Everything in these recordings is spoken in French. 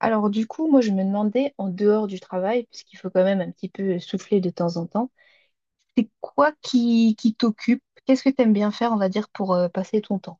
Alors du coup, moi je me demandais, en dehors du travail, puisqu'il faut quand même un petit peu souffler de temps en temps, c'est quoi qui t'occupe? Qu'est-ce que t'aimes bien faire, on va dire, pour passer ton temps?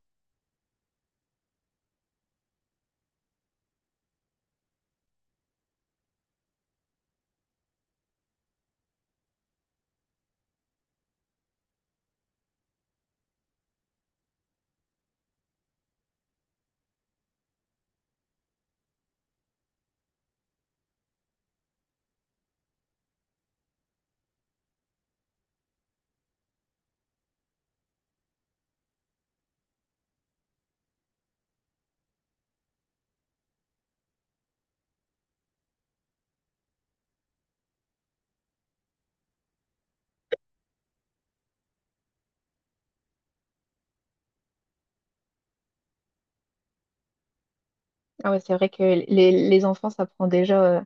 Ah ouais, c'est vrai que les enfants, ça prend déjà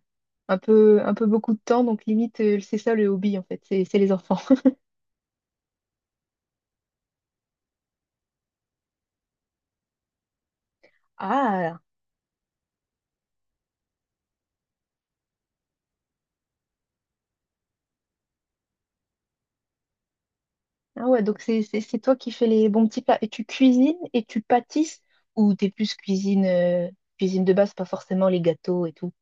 un peu beaucoup de temps, donc limite, c'est ça le hobby en fait, c'est les enfants. Ah, ah ouais, donc c'est toi qui fais les bons petits plats. Et tu cuisines et tu pâtisses, ou t'es plus cuisine, cuisine de base, pas forcément les gâteaux et tout?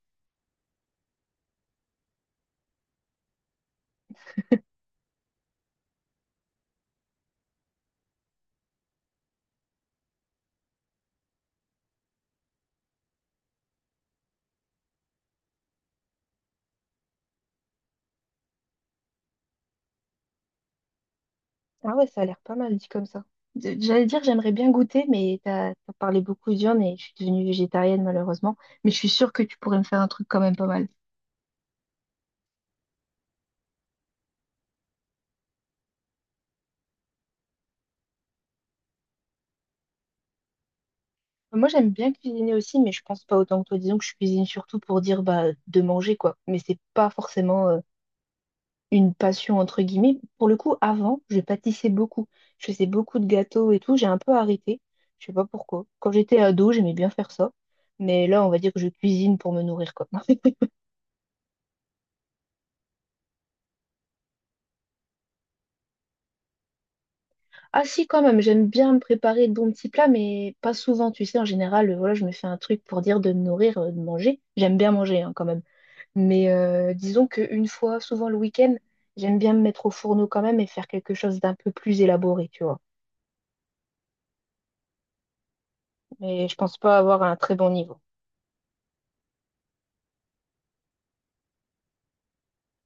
Ah ouais, ça a l'air pas mal dit comme ça. J'allais dire, j'aimerais bien goûter, mais t'as parlé beaucoup de viande et je suis devenue végétarienne malheureusement. Mais je suis sûre que tu pourrais me faire un truc quand même pas mal. Moi, j'aime bien cuisiner aussi, mais je pense pas autant que toi. Disons que je cuisine surtout pour dire bah, de manger, quoi. Mais c'est pas forcément une passion, entre guillemets. Pour le coup, avant, je pâtissais beaucoup. Je faisais beaucoup de gâteaux et tout. J'ai un peu arrêté. Je sais pas pourquoi. Quand j'étais ado, j'aimais bien faire ça. Mais là, on va dire que je cuisine pour me nourrir, quoi. Ah si, quand même, j'aime bien me préparer de bons petits plats, mais pas souvent, tu sais, en général, voilà, je me fais un truc pour dire de me nourrir, de manger. J'aime bien manger, hein, quand même. Mais disons qu'une fois, souvent le week-end, j'aime bien me mettre au fourneau quand même et faire quelque chose d'un peu plus élaboré, tu vois. Mais je pense pas avoir un très bon niveau.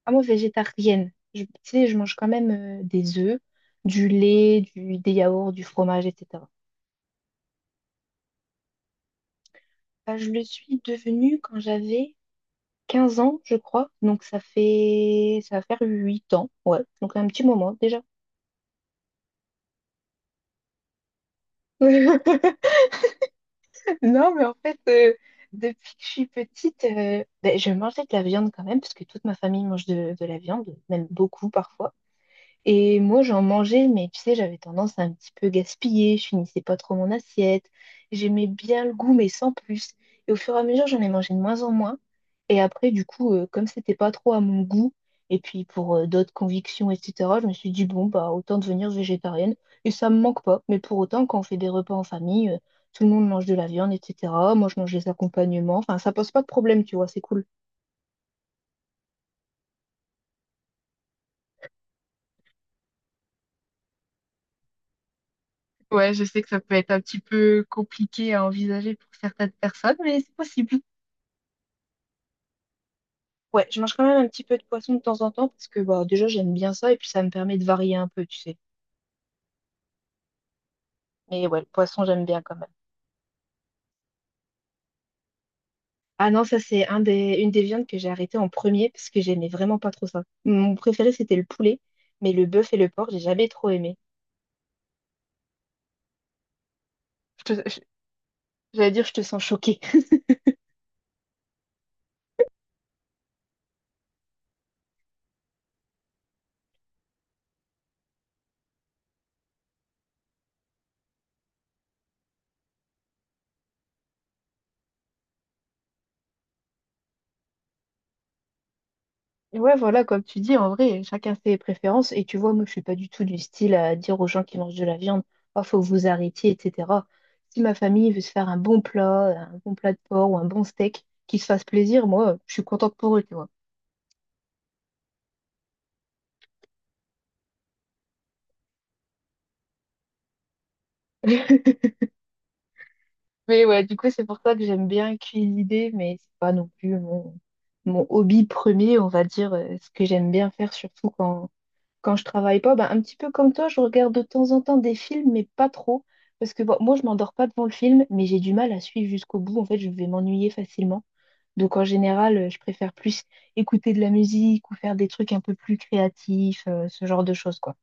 Ah, moi, végétarienne, tu sais, je mange quand même des œufs, du lait, des yaourts, du fromage, etc. Bah, je le suis devenue quand j'avais 15 ans, je crois. Donc ça va faire 8 ans. Ouais. Donc un petit moment déjà. Non, mais en fait, depuis que je suis petite, ben, je mangeais de la viande quand même, parce que toute ma famille mange de la viande, même beaucoup parfois. Et moi, j'en mangeais, mais tu sais, j'avais tendance à un petit peu gaspiller, je finissais pas trop mon assiette, j'aimais bien le goût, mais sans plus. Et au fur et à mesure, j'en ai mangé de moins en moins. Et après, du coup, comme c'était pas trop à mon goût, et puis pour d'autres convictions, etc., je me suis dit, bon, bah, autant devenir végétarienne. Et ça me manque pas. Mais pour autant, quand on fait des repas en famille, tout le monde mange de la viande, etc. Moi, je mange des accompagnements. Enfin, ça pose pas de problème, tu vois, c'est cool. Ouais, je sais que ça peut être un petit peu compliqué à envisager pour certaines personnes, mais c'est possible. Ouais, je mange quand même un petit peu de poisson de temps en temps parce que bah, déjà j'aime bien ça et puis ça me permet de varier un peu, tu sais. Mais ouais, le poisson j'aime bien quand même. Ah non, ça c'est une des viandes que j'ai arrêté en premier parce que j'aimais vraiment pas trop ça. Mon préféré c'était le poulet, mais le bœuf et le porc j'ai jamais trop aimé. Je te- je- J'allais dire je te sens choquée. Ouais, voilà, comme tu dis, en vrai, chacun ses préférences. Et tu vois, moi, je suis pas du tout du style à dire aux gens qui mangent de la viande, oh, faut que vous arrêtiez, etc. Si ma famille veut se faire un bon plat de porc ou un bon steak, qu'ils se fassent plaisir, moi, je suis contente pour eux, tu vois. Mais ouais, du coup, c'est pour ça que j'aime bien cuisiner, mais c'est pas non plus mon hobby premier, on va dire, ce que j'aime bien faire, surtout quand je travaille pas, ben, un petit peu comme toi, je regarde de temps en temps des films, mais pas trop. Parce que bon, moi, je m'endors pas devant le film, mais j'ai du mal à suivre jusqu'au bout. En fait, je vais m'ennuyer facilement. Donc, en général, je préfère plus écouter de la musique ou faire des trucs un peu plus créatifs, ce genre de choses, quoi.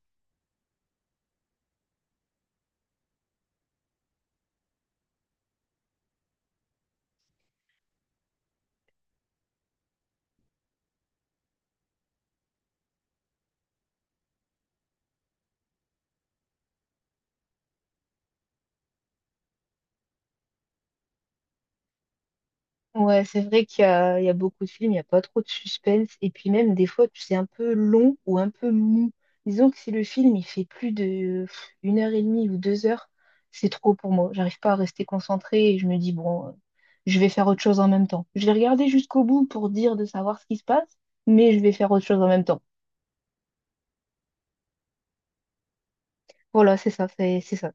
Ouais, c'est vrai qu'il y a beaucoup de films, il n'y a pas trop de suspense. Et puis même des fois, c'est un peu long ou un peu mou. Disons que si le film il fait plus de pff, 1 heure et demie ou 2 heures, c'est trop pour moi. J'arrive pas à rester concentrée et je me dis, bon, je vais faire autre chose en même temps. Je vais regarder jusqu'au bout pour dire de savoir ce qui se passe, mais je vais faire autre chose en même temps. Voilà, c'est ça, c'est ça.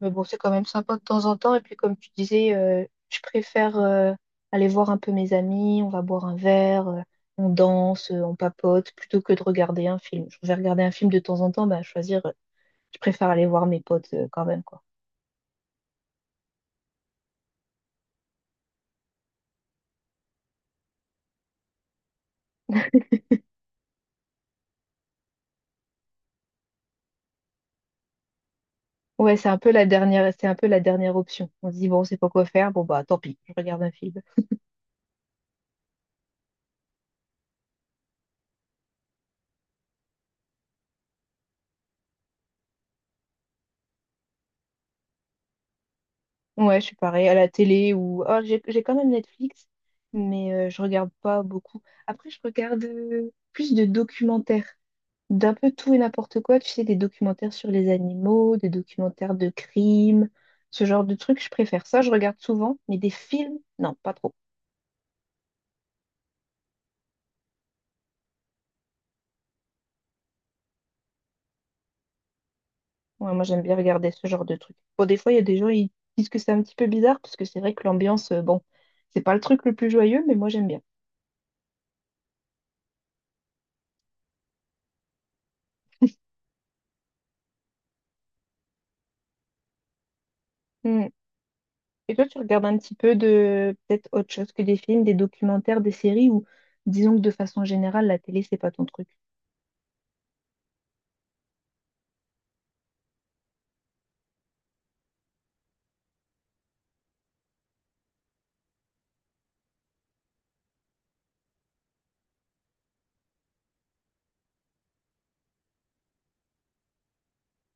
Mais bon, c'est quand même sympa de temps en temps. Et puis, comme tu disais, je préfère aller voir un peu mes amis, on va boire un verre, on danse, on papote, plutôt que de regarder un film. Je vais regarder un film de temps en temps, bah, choisir, je préfère aller voir mes potes quand même, quoi. Ouais, c'est un peu la dernière, c'est un peu la dernière option. On se dit, bon, c'est pas quoi faire, bon, bah, tant pis, je regarde un film. Ouais, je suis pareil, à la télé ou. Ah, j'ai quand même Netflix, mais je regarde pas beaucoup. Après, je regarde plus de documentaires, d'un peu tout et n'importe quoi, tu sais, des documentaires sur les animaux, des documentaires de crimes, ce genre de trucs, je préfère ça, je regarde souvent, mais des films, non, pas trop. Ouais, moi, j'aime bien regarder ce genre de trucs. Bon, des fois, il y a des gens, ils disent que c'est un petit peu bizarre, parce que c'est vrai que l'ambiance, bon, c'est pas le truc le plus joyeux, mais moi, j'aime bien. Hmm. Et toi, tu regardes un petit peu de, peut-être autre chose que des films, des documentaires, des séries, ou disons que de façon générale, la télé, c'est pas ton truc.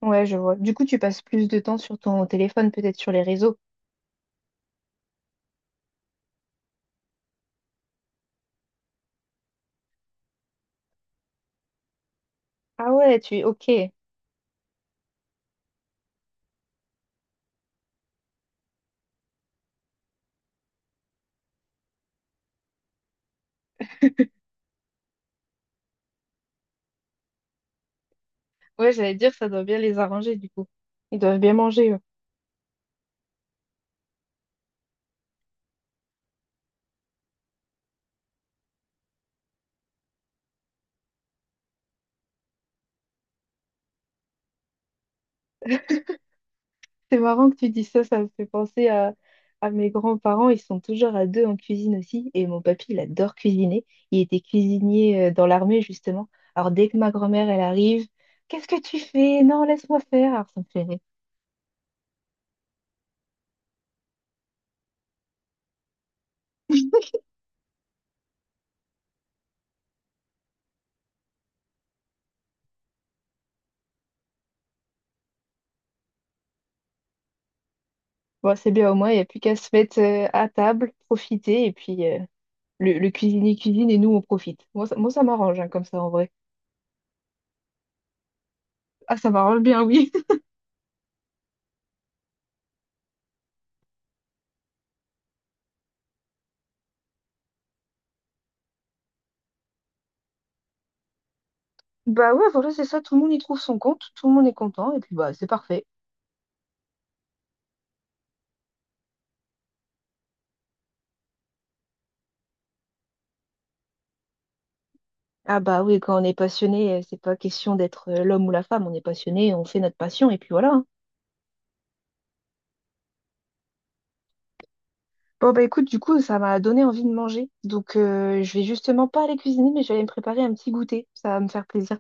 Ouais, je vois. Du coup, tu passes plus de temps sur ton téléphone, peut-être sur les réseaux. Ah ouais, tu es ok. Ouais, j'allais dire, ça doit bien les arranger du coup. Ils doivent bien manger, eux. C'est marrant que tu dis ça, ça me fait penser à mes grands-parents. Ils sont toujours à deux en cuisine aussi. Et mon papy, il adore cuisiner. Il était cuisinier dans l'armée, justement. Alors, dès que ma grand-mère, elle arrive, qu'est-ce que tu fais? Non, laisse-moi faire. Alors, ça me fait rire. Bon, c'est bien, au moins, il n'y a plus qu'à se mettre à table, profiter. Et puis, le cuisinier cuisine et nous, on profite. Moi, ça m'arrange, hein, comme ça, en vrai. Ah, ça m'arrange bien, oui. Bah ouais, voilà, c'est ça, tout le monde y trouve son compte, tout le monde est content, et puis bah c'est parfait. Ah bah oui, quand on est passionné, c'est pas question d'être l'homme ou la femme, on est passionné, on fait notre passion, et puis voilà, hein. Bon bah écoute, du coup, ça m'a donné envie de manger, donc je vais justement pas aller cuisiner, mais je vais aller me préparer un petit goûter, ça va me faire plaisir.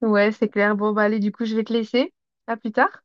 Ouais, c'est clair, bon bah allez, du coup, je vais te laisser, à plus tard.